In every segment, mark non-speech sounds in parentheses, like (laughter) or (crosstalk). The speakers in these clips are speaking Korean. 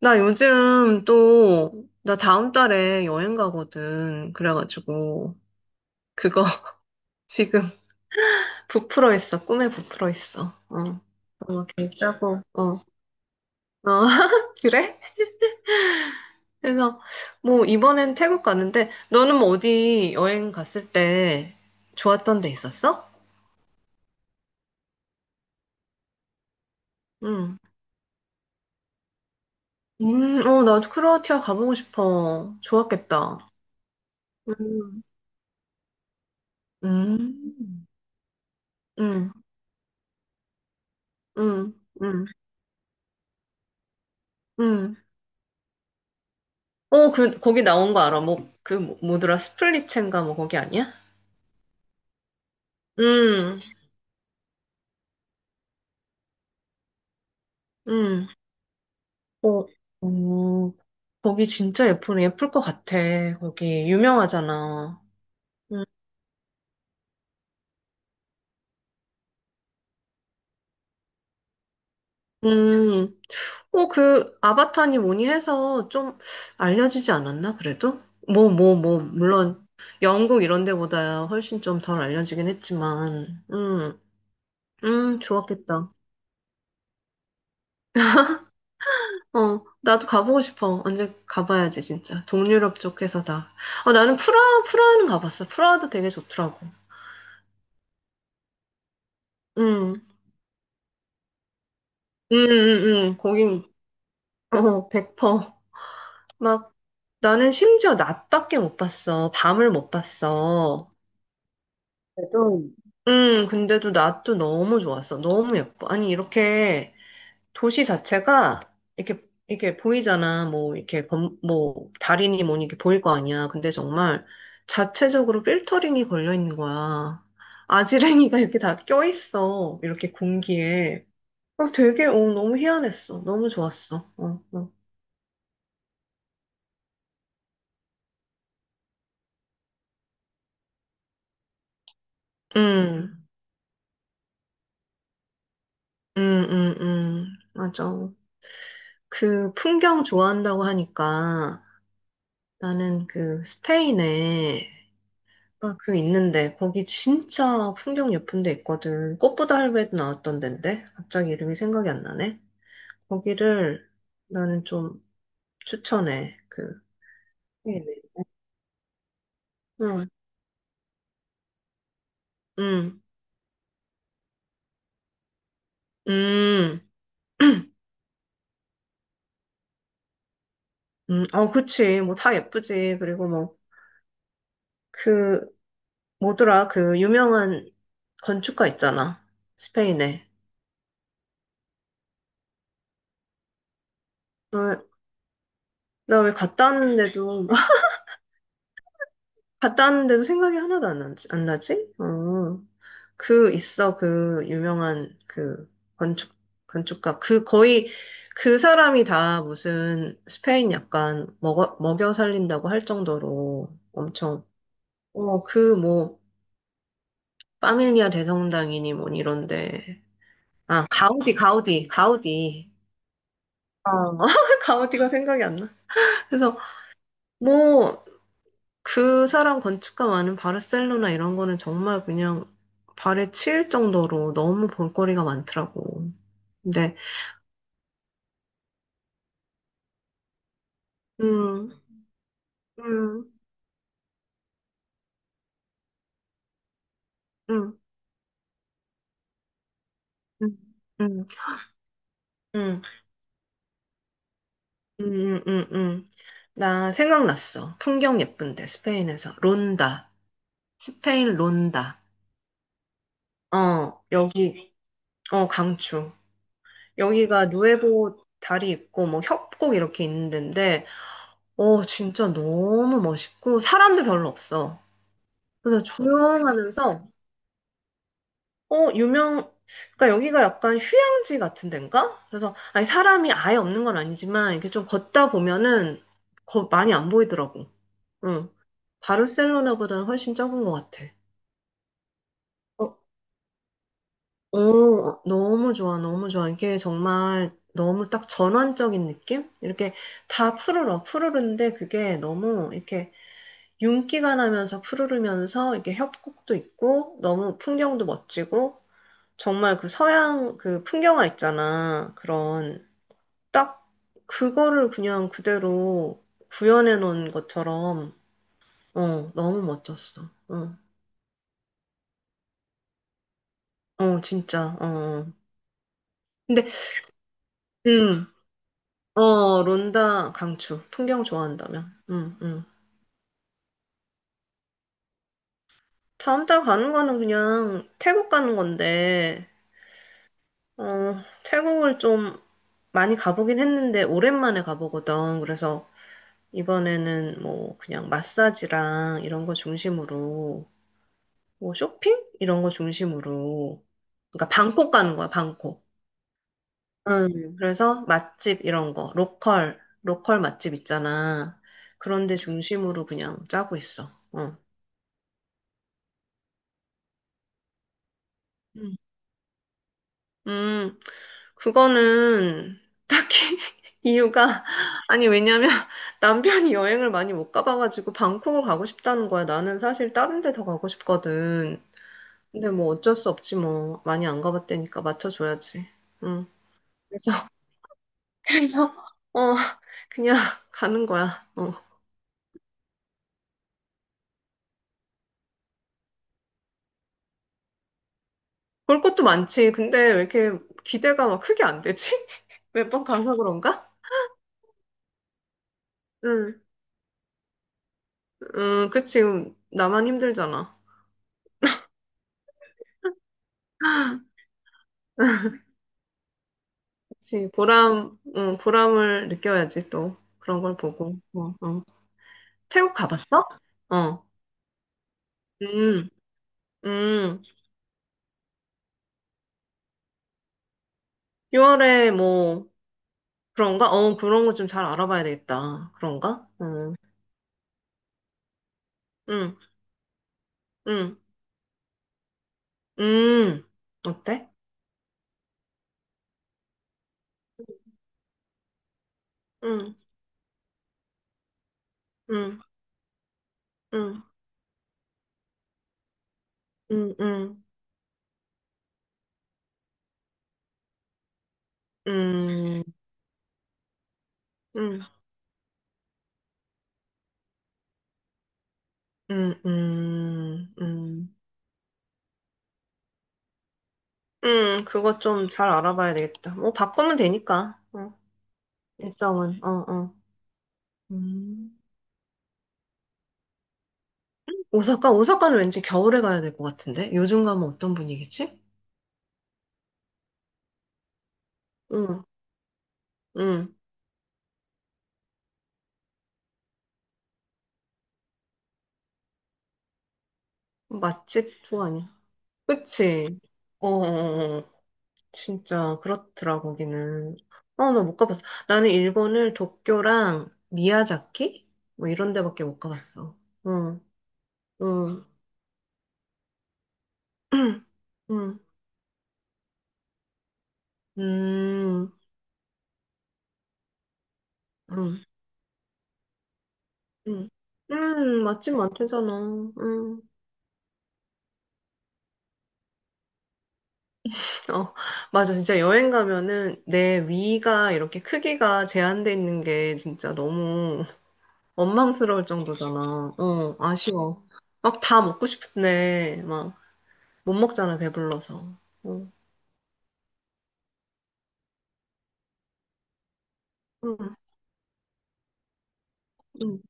나 다음 달에 여행 가거든. 그래가지고, 그거 (laughs) 지금 부풀어 있어. 꿈에 부풀어 있어. 계획 짜고, 어, (laughs) 그래? 그래서, 뭐, 이번엔 태국 가는데, 너는 뭐 어디 여행 갔을 때 좋았던 데 있었어? 응. 나도 크로아티아 가보고 싶어. 좋았겠다. 음. 음. 음. 음. 음. 음. 그, 거기 나온 거 알아. 뭐, 그, 뭐더라, 스플릿첸가 뭐, 거기 아니야? 음. 음. 어, 음, 거기 진짜 예쁘네. 예쁠 것 같아. 거기 유명하잖아. 음. 음. 그, 아바타니 뭐니 해서 좀 알려지지 않았나, 그래도? 뭐, 물론, 영국 이런 데보다 훨씬 좀 덜 알려지긴 했지만, 음. 음. 좋았겠다. 나도 가보고 싶어. 언제 가봐야지, 진짜. 동유럽 쪽에서 다. 나는 프라하는 가봤어. 프라하도 되게 좋더라고. 응, 응, 응, 응. 거긴, 100%. 막, 나는 심지어 낮밖에 못 봤어. 밤을 못 봤어. 그래도 응, 근데도 낮도 너무 좋았어. 너무 예뻐. 아니, 이렇게 도시 자체가 이렇게 이렇게 보이잖아. 뭐 이렇게 뭐 달이니 뭐니 이렇게 보일 거 아니야. 근데 정말 자체적으로 필터링이 걸려 있는 거야. 아지랭이가 이렇게 다 껴있어. 이렇게 공기에. 되게 너무 희한했어. 너무 좋았어. 어. 어. 음. 음. 음. 음. 맞아. 그 풍경 좋아한다고 하니까 나는 그 스페인에 그 있는데 거기 진짜 풍경 예쁜 데 있거든. 꽃보다 할배도 나왔던 데인데 갑자기 이름이 생각이 안 나네. 거기를 나는 좀 추천해. 그, 네네. 응. 응. 음. (clears throat) 음. 그치. 뭐 다 예쁘지. 그리고 뭐 그 뭐더라 그 유명한 건축가 있잖아. 스페인에. 나, 나 왜 갔다 왔는데도 (laughs) 갔다 왔는데도 생각이 하나도 안 나지? 안 나지? 어. 그 있어 그 유명한 그 건축 건축가 그 거의 그 사람이 다 무슨 스페인 약간 먹어 먹여 살린다고 할 정도로 엄청, 그 뭐 파밀리아 대성당이니 뭐 이런데, 아 가우디, 가우디, 가우디. 어 (laughs) 가우디가 생각이 안 나. 그래서 뭐 그 사람 건축가 많은 바르셀로나 이런 거는 정말 그냥 발에 치일 정도로 너무 볼거리가 많더라고. 근데 음. 음. 음. 음. 음. 음. 음. 음. 음. 음. 나 생각났어. 풍경 예쁜데, 스페인에서. 론다. 스페인 론다. 여기, 강추. 여기가 누에보 다리 있고, 뭐, 협곡 이렇게 있는 데인데, 진짜 너무 멋있고, 사람도 별로 없어. 그래서 조용하면서, 어, 유명, 그러니까 여기가 약간 휴양지 같은 데인가? 그래서, 아니, 사람이 아예 없는 건 아니지만, 이렇게 좀 걷다 보면은, 많이 안 보이더라고. 응. 바르셀로나보다는 훨씬 적은 것 같아. 어, 너무 좋아, 너무 좋아. 이게 정말 너무 딱 전환적인 느낌? 이렇게 다 푸르른데 그게 너무 이렇게 윤기가 나면서 푸르르면서 이게 협곡도 있고, 너무 풍경도 멋지고, 정말 그 서양 그 풍경화 있잖아. 그런 딱 그거를 그냥 그대로 구현해 놓은 것처럼, 너무 멋졌어. 진짜. 어. 어. 근데 음. 론다 강추. 풍경 좋아한다면. 음. 음. 다음 달 가는 거는 그냥 태국 가는 건데, 어, 태국을 좀 많이 가보긴 했는데 오랜만에 가보거든. 그래서 이번에는 뭐 그냥 마사지랑 이런 거 중심으로, 뭐 쇼핑? 이런 거 중심으로. 그러니까 방콕 가는 거야, 방콕. 응, 그래서 맛집 이런 거, 로컬 맛집 있잖아. 그런 데 중심으로 그냥 짜고 있어. 어. 응. 음, 그거는 딱히 (laughs) 이유가, 아니, 왜냐면 남편이 여행을 많이 못 가봐가지고 방콕을 가고 싶다는 거야. 나는 사실 다른 데 더 가고 싶거든. 근데 뭐 어쩔 수 없지 뭐. 많이 안 가봤다니까 맞춰줘야지. 응. 그래서 그래서, 어, 그냥 가는 거야. 어. 볼 것도 많지. 근데 왜 이렇게 기대가 막 크게 안 되지? (laughs) 매번 가서 그런가? 응, 응, 그치. 나만 힘들잖아. 그치. 보람, 응, 보람을 느껴야지 또. 그런 걸 보고. 어. 어. 태국 가봤어? 어. 음. 음. 6월에 뭐, 그런가? 그런 거 좀 잘 알아봐야 되겠다. 그런가? 어. 응, 응, 응. 어때? 응, 응, 응. 음, 음, 음, 음, 음, 음, 음, 그거 좀 잘 알아봐야 되겠다. 뭐, 바꾸면 되니까, 일정은, 음. 오사카? 오사카는 왠지 겨울에 가야 될 것 같은데? 요즘 가면 어떤 분위기지? 응. 응. 맛집 투어 아니야. 그치? 어. 어. 어. 어. 진짜 그렇더라, 거기는. 나 못 가봤어. 나는 일본을 도쿄랑 미야자키? 뭐 이런 데밖에 못 가봤어. 응. 응. 음, 음, 음, 음, 음, 맛집 많대잖아. 음, 어, 맞아. 진짜 여행 가면은 내 위가 이렇게 크기가 제한돼 있는 게 진짜 너무 원망스러울 정도잖아. 아쉬워. 막 다 먹고 싶은데 막 못 먹잖아, 배불러서. 어. 음. 음.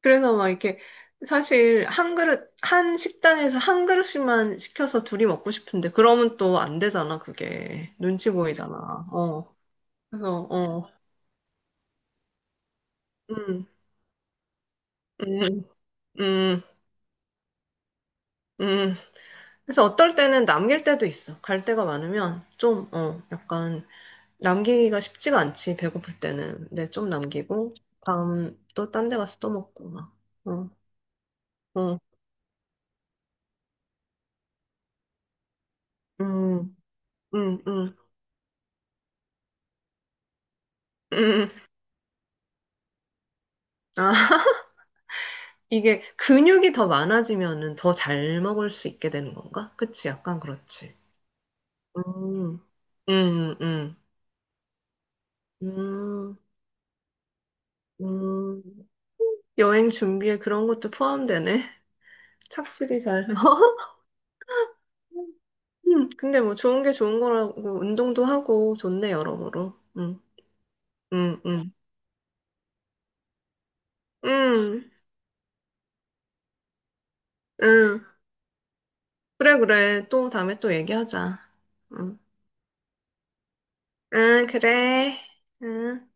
그래서 막 이렇게 사실 한 그릇, 한 식당에서 한 그릇씩만 시켜서 둘이 먹고 싶은데 그러면 또 안 되잖아, 그게. 눈치 보이잖아. 어. 그래서, 어. 음. 음. 음. 음. 그래서 어떨 때는 남길 때도 있어. 갈 데가 많으면 좀, 약간 남기기가 쉽지가 않지, 배고플 때는. 근데 좀 남기고, 다음 또 딴 데 가서 또 먹고 막. 어. 어. 음. 음. 음. 음. 아. 이게 근육이 더 많아지면은 더 잘 먹을 수 있게 되는 건가? 그치, 약간 그렇지. 음, 음, 음, 음, 음. 여행 준비에 그런 것도 포함되네. 착실히 잘. (laughs) 근데 뭐 좋은 게 좋은 거라고 운동도 하고 좋네, 여러모로. 음, 음, 음, 음. 그래, 그래. 또 다음에 또 얘기하자. 음, 그래. 음.